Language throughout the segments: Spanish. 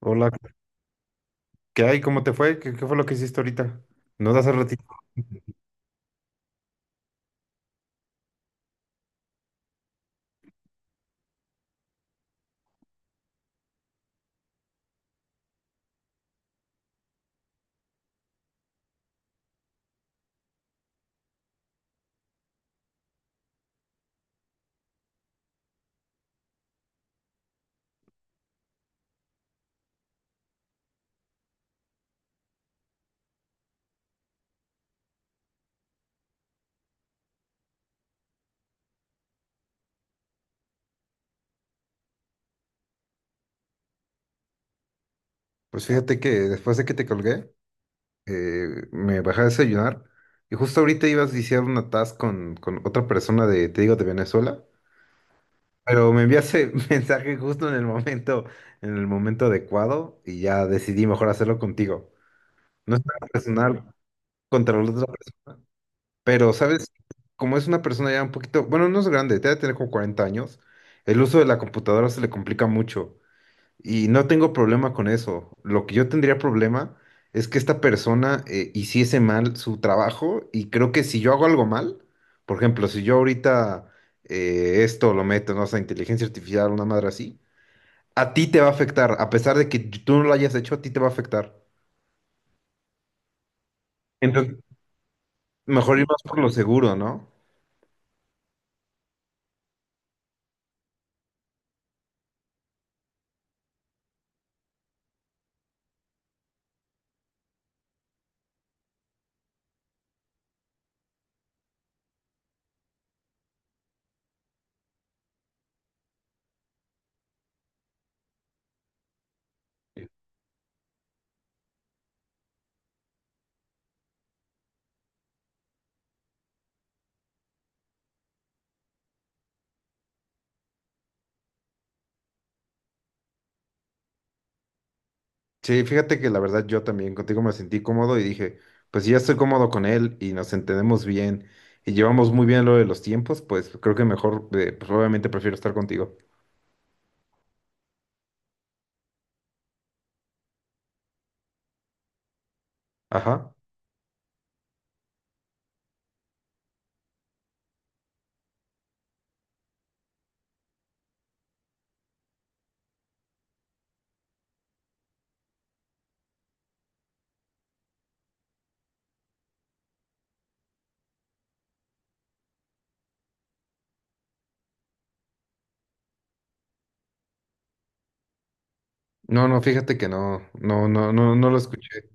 Hola, ¿qué hay? ¿Cómo te fue? ¿Qué fue lo que hiciste ahorita? No das hace ratito. Pues fíjate que después de que te colgué, me bajé a desayunar y justo ahorita ibas a iniciar una task con otra persona de, te digo, de Venezuela, pero me enviaste mensaje justo en el momento adecuado y ya decidí mejor hacerlo contigo. No es nada personal contra la otra persona, pero sabes, como es una persona ya un poquito, bueno, no es grande, debe tener como 40 años. El uso de la computadora se le complica mucho. Y no tengo problema con eso. Lo que yo tendría problema es que esta persona hiciese mal su trabajo, y creo que si yo hago algo mal, por ejemplo, si yo ahorita esto lo meto, no sé, inteligencia artificial, una madre así, a ti te va a afectar, a pesar de que tú no lo hayas hecho, a ti te va a afectar. Entonces, mejor ir más por lo seguro, ¿no? Sí, fíjate que la verdad yo también contigo me sentí cómodo y dije, pues si ya estoy cómodo con él y nos entendemos bien y llevamos muy bien lo de los tiempos, pues creo que mejor, pues obviamente prefiero estar contigo. Ajá. No, no, fíjate que no, no, no, no, no lo escuché.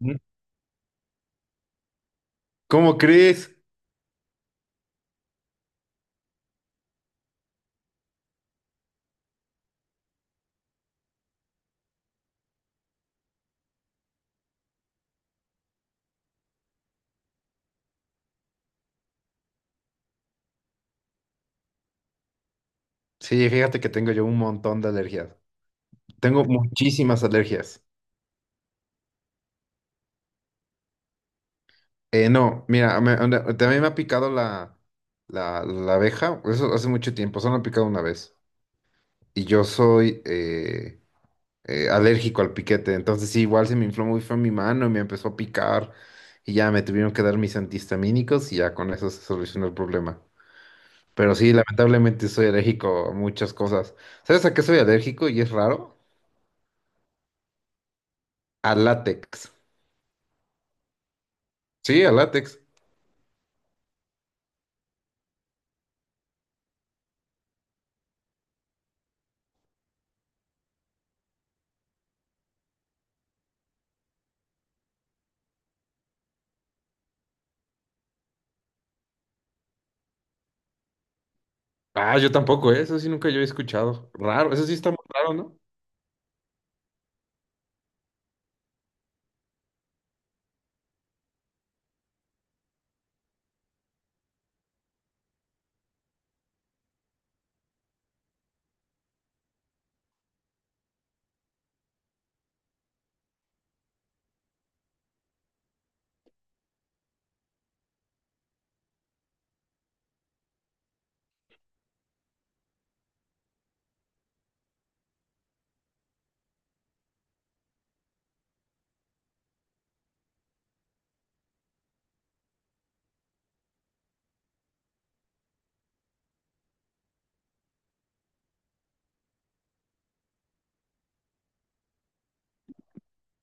¿Mm? ¿Cómo crees? Sí, fíjate que tengo yo un montón de alergias. Tengo muchísimas alergias. No, mira, también me ha picado la abeja, eso hace mucho tiempo, solo me ha picado una vez. Y yo soy, alérgico al piquete. Entonces sí, igual se me infló muy feo mi mano y me empezó a picar, y ya me tuvieron que dar mis antihistamínicos y ya con eso se solucionó el problema. Pero sí, lamentablemente soy alérgico a muchas cosas. ¿Sabes a qué soy alérgico y es raro? A látex. Sí, a látex. Ah, yo tampoco, ¿eh? Eso sí nunca yo he escuchado. Raro, eso sí está muy raro, ¿no?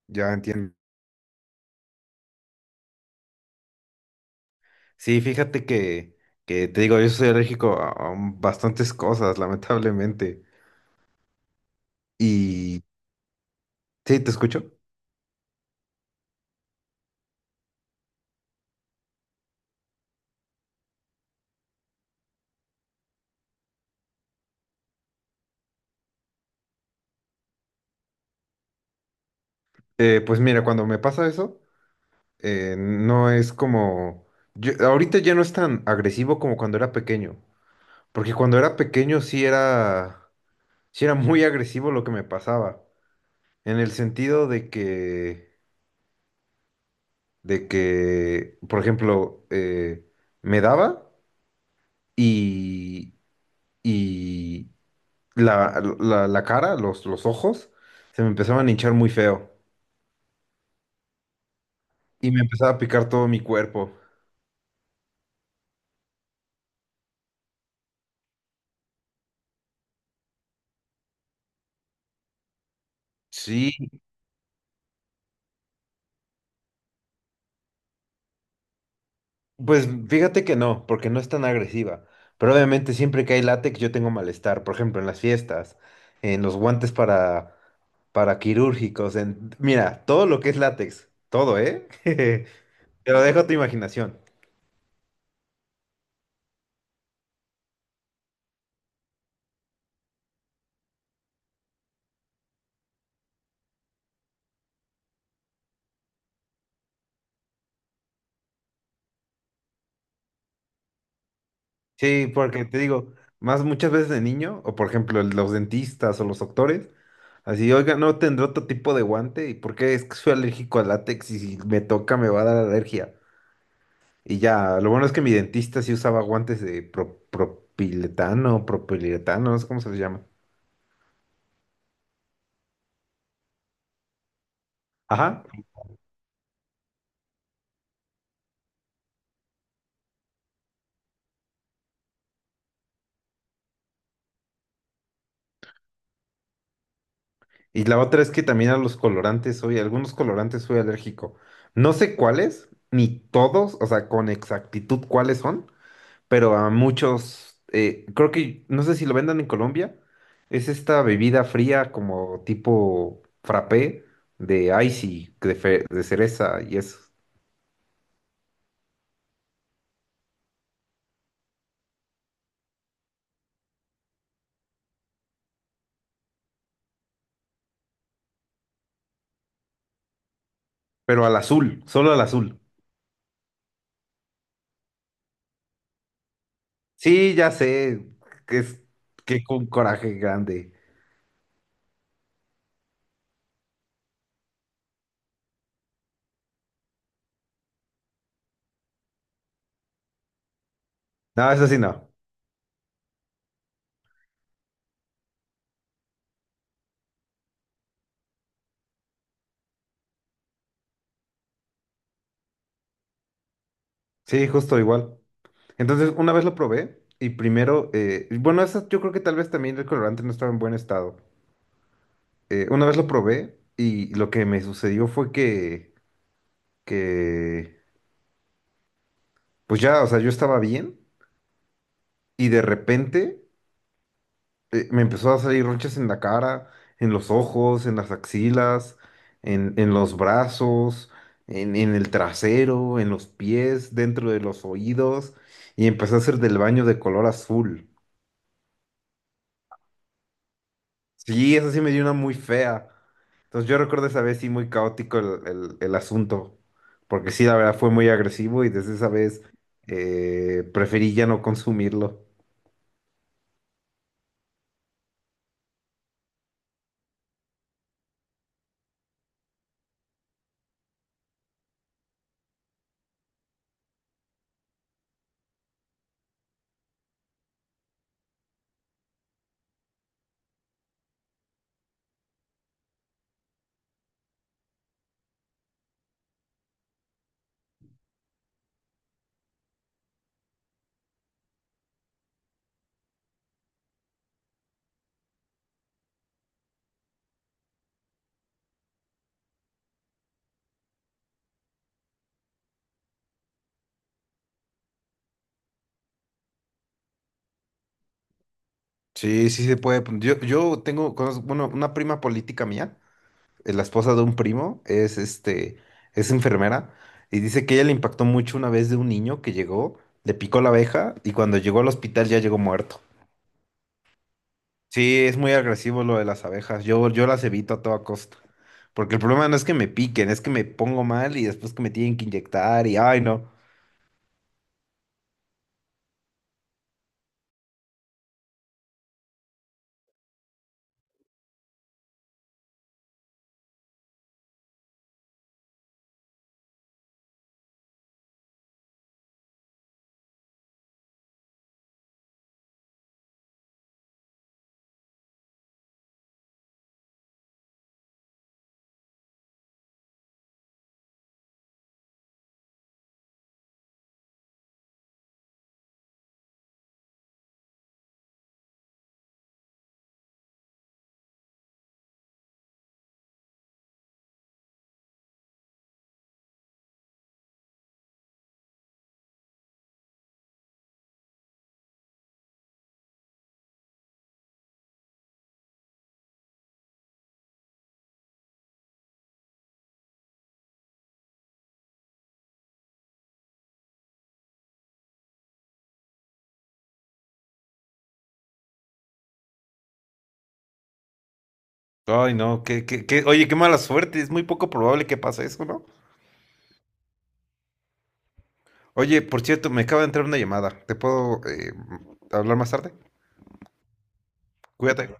Ya entiendo. Sí, fíjate que te digo, yo soy alérgico a bastantes cosas, lamentablemente. Y... Sí, te escucho. Pues mira, cuando me pasa eso, no es como... yo- ahorita ya no es tan agresivo como cuando era pequeño, porque cuando era pequeño sí era muy agresivo lo que me pasaba, en el sentido de que, por ejemplo, me daba y, y la cara, los ojos, se me empezaban a hinchar muy feo y me empezaba a picar todo mi cuerpo. Sí, pues fíjate que no, porque no es tan agresiva. Pero obviamente siempre que hay látex yo tengo malestar. Por ejemplo, en las fiestas, en los guantes para quirúrgicos, en... Mira, todo lo que es látex, todo, ¿eh? Te lo dejo a tu imaginación. Sí, porque te digo, más muchas veces de niño, o por ejemplo los dentistas o los doctores, así, oiga, ¿no tendré otro tipo de guante, y por qué es que soy alérgico al látex y si me toca me va a dar alergia? Y ya, lo bueno es que mi dentista sí usaba guantes de propiletano, propiletano, no sé cómo se les llama. Ajá. Y la otra es que también a los colorantes soy, a algunos colorantes soy alérgico. No sé cuáles, ni todos, o sea, con exactitud cuáles son, pero a muchos, creo que, no sé si lo vendan en Colombia, es esta bebida fría como tipo frappé de icy, de cereza y eso. Pero al azul, solo al azul. Sí, ya sé, que es que un coraje grande. No, eso sí no. Sí, justo igual. Entonces, una vez lo probé y primero, bueno, eso yo creo que tal vez también el colorante no estaba en buen estado. Una vez lo probé y lo que me sucedió fue que, pues ya, o sea, yo estaba bien y de repente me empezó a salir ronchas en la cara, en los ojos, en las axilas, en los brazos, en el trasero, en los pies, dentro de los oídos, y empecé a hacer del baño de color azul. Sí, esa sí me dio una muy fea. Entonces yo recuerdo esa vez sí muy caótico el asunto, porque sí, la verdad fue muy agresivo y desde esa vez preferí ya no consumirlo. Sí, sí se puede. Yo tengo, bueno, una prima política mía. La esposa de un primo, es este, es enfermera, y dice que ella le impactó mucho una vez de un niño que llegó, le picó la abeja, y cuando llegó al hospital ya llegó muerto. Sí, es muy agresivo lo de las abejas. Yo las evito a toda costa. Porque el problema no es que me piquen, es que me pongo mal y después que me tienen que inyectar y ay no. Ay no, oye, qué mala suerte, es muy poco probable que pase eso, ¿no? Oye, por cierto, me acaba de entrar una llamada. ¿Te puedo hablar más tarde? Cuídate.